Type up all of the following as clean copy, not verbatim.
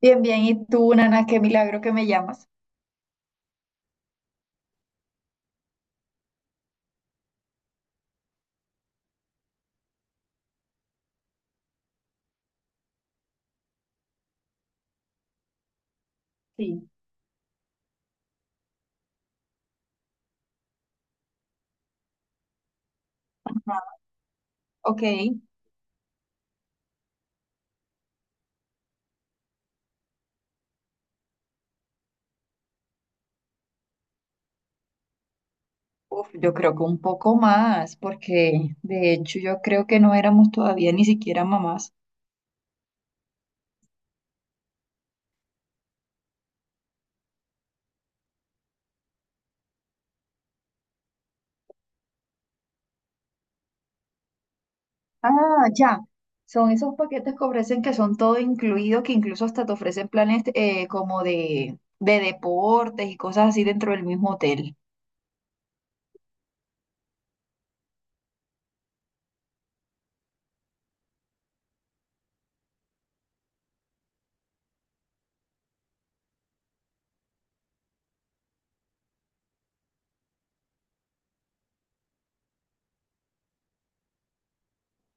Bien, bien. ¿Y tú, Nana? Qué milagro que me llamas. Sí. Ok. Uf, yo creo que un poco más, porque de hecho yo creo que no éramos todavía ni siquiera mamás. Ah, ya. Son esos paquetes que ofrecen que son todo incluido, que incluso hasta te ofrecen planes como de deportes y cosas así dentro del mismo hotel.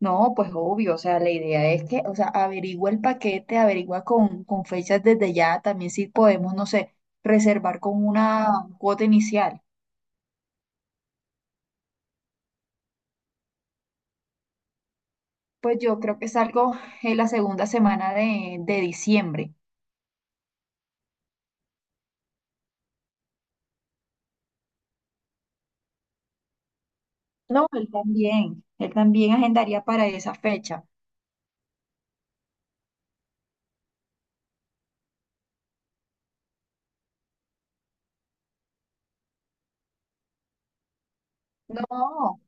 No, pues obvio, o sea, la idea es que, o sea, averigua el paquete, averigua con fechas desde ya, también si podemos, no sé, reservar con una cuota inicial. Pues yo creo que salgo en la segunda semana de diciembre. No, él también agendaría para esa fecha. No,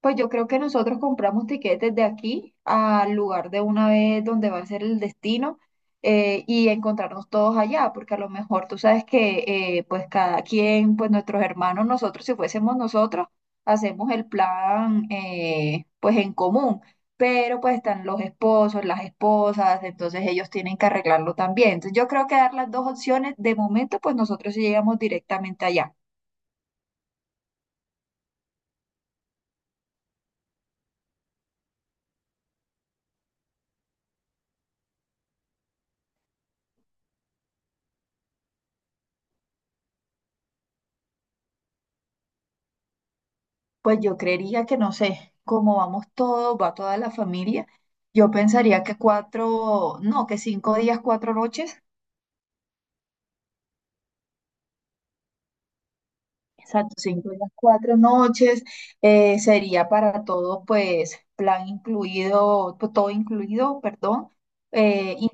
pues yo creo que nosotros compramos tiquetes de aquí al lugar de una vez donde va a ser el destino, y encontrarnos todos allá, porque a lo mejor tú sabes que pues cada quien, pues nuestros hermanos, nosotros, si fuésemos nosotros, hacemos el plan pues en común, pero pues están los esposos, las esposas, entonces ellos tienen que arreglarlo también. Entonces yo creo que dar las dos opciones, de momento pues nosotros sí llegamos directamente allá. Pues yo creería que no sé, como vamos todos, va toda la familia, yo pensaría que cuatro, no, que cinco días, cuatro noches, exacto, cinco días, cuatro noches, sería para todo, pues, plan incluido, todo incluido, perdón, eh, y,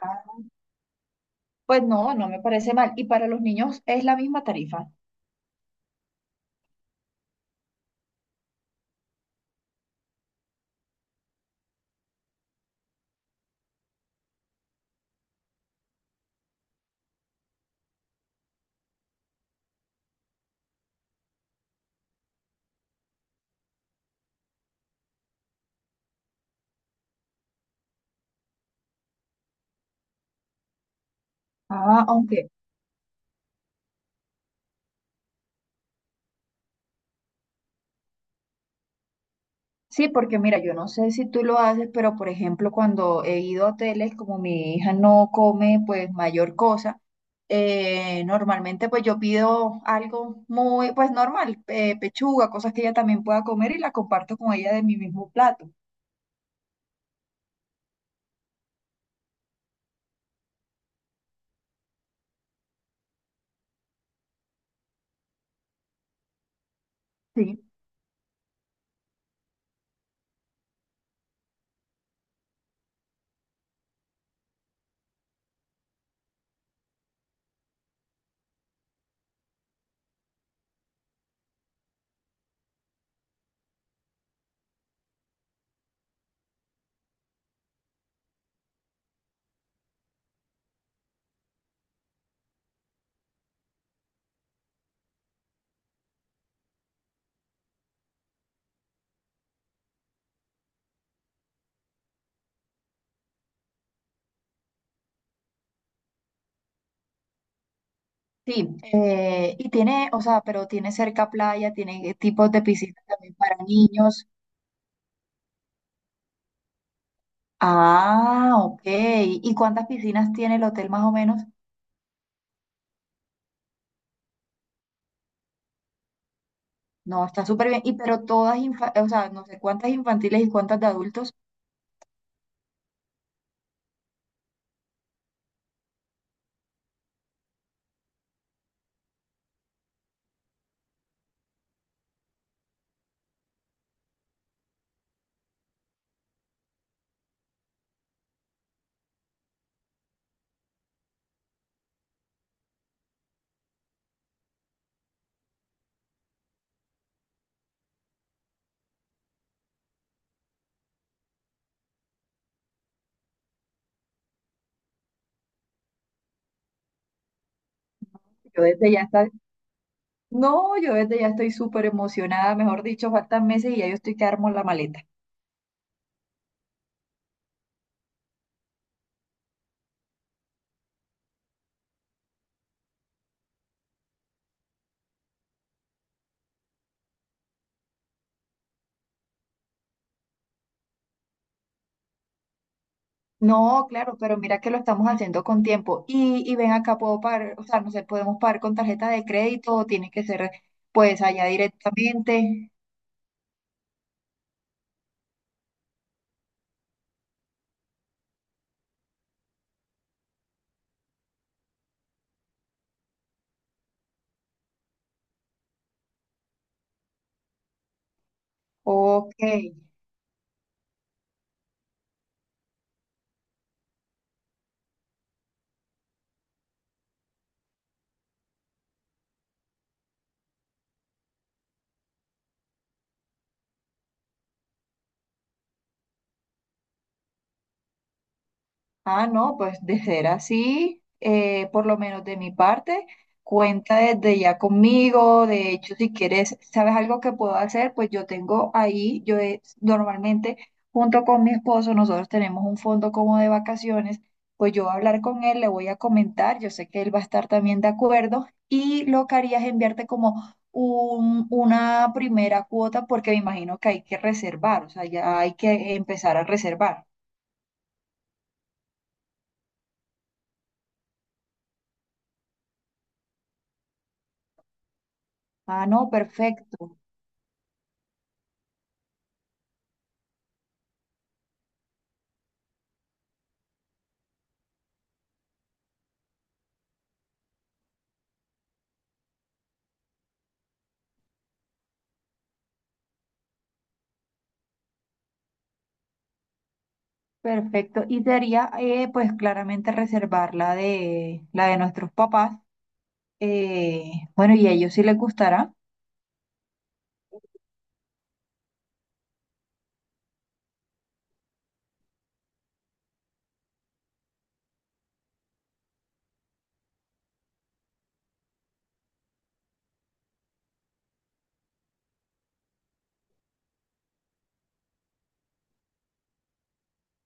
ah, pues no, no me parece mal, y para los niños es la misma tarifa, ah, aunque sí, porque mira, yo no sé si tú lo haces, pero por ejemplo, cuando he ido a hoteles, como mi hija no come, pues mayor cosa, normalmente pues yo pido algo muy, pues normal, pechuga, cosas que ella también pueda comer y la comparto con ella de mi mismo plato. Sí. Sí, y tiene, o sea, pero tiene cerca playa, tiene tipos de piscinas también para niños. Ah, ok. ¿Y cuántas piscinas tiene el hotel más o menos? No, está súper bien. Y pero todas, o sea, no sé cuántas infantiles y cuántas de adultos. Yo desde ya está, no, yo desde ya estoy súper emocionada, mejor dicho, faltan meses y ya yo estoy que armo la maleta. No, claro, pero mira que lo estamos haciendo con tiempo. Y ven acá, puedo pagar, o sea, no sé, podemos pagar con tarjeta de crédito o tiene que ser pues allá directamente. Ok. Ah, no, pues de ser así, por lo menos de mi parte, cuenta desde ya conmigo. De hecho, si quieres, ¿sabes algo que puedo hacer? Pues yo tengo ahí, normalmente junto con mi esposo, nosotros tenemos un fondo como de vacaciones. Pues yo voy a hablar con él, le voy a comentar, yo sé que él va a estar también de acuerdo y lo que haría es enviarte como una primera cuota porque me imagino que hay que reservar, o sea, ya hay que empezar a reservar. Ah, no, perfecto. Perfecto. Y sería, pues claramente reservar la de nuestros papás. Bueno, y a ellos sí les gustará.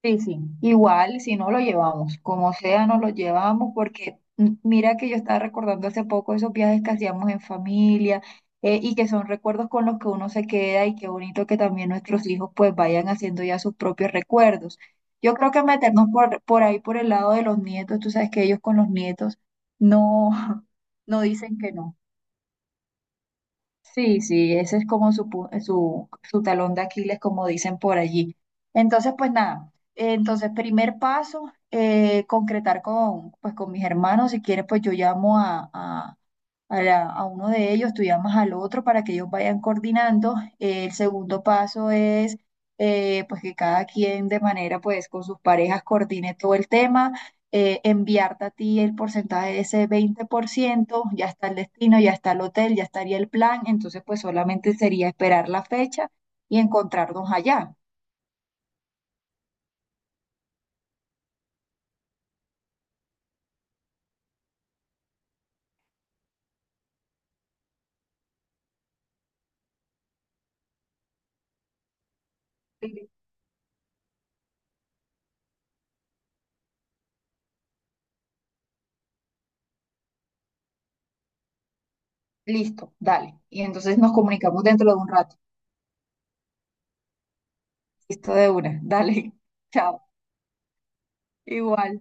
Sí, sí. Igual, si no lo llevamos, como sea, no lo llevamos porque mira que yo estaba recordando hace poco esos viajes que hacíamos en familia, y que son recuerdos con los que uno se queda y qué bonito que también nuestros hijos pues vayan haciendo ya sus propios recuerdos. Yo creo que meternos por ahí, por el lado de los nietos, tú sabes que ellos con los nietos no, no dicen que no. Sí, sí, ese es como su talón de Aquiles, como dicen por allí. Entonces, pues nada, entonces primer paso, concretar con, pues, con mis hermanos, si quieres, pues yo llamo a uno de ellos, tú llamas al otro para que ellos vayan coordinando. El segundo paso es pues que cada quien de manera pues con sus parejas coordine todo el tema, enviarte a ti el porcentaje de ese 20%, ya está el destino, ya está el hotel, ya estaría el plan, entonces pues solamente sería esperar la fecha y encontrarnos allá. Sí. Listo, dale. Y entonces nos comunicamos dentro de un rato. Listo de una, dale. Chao. Igual.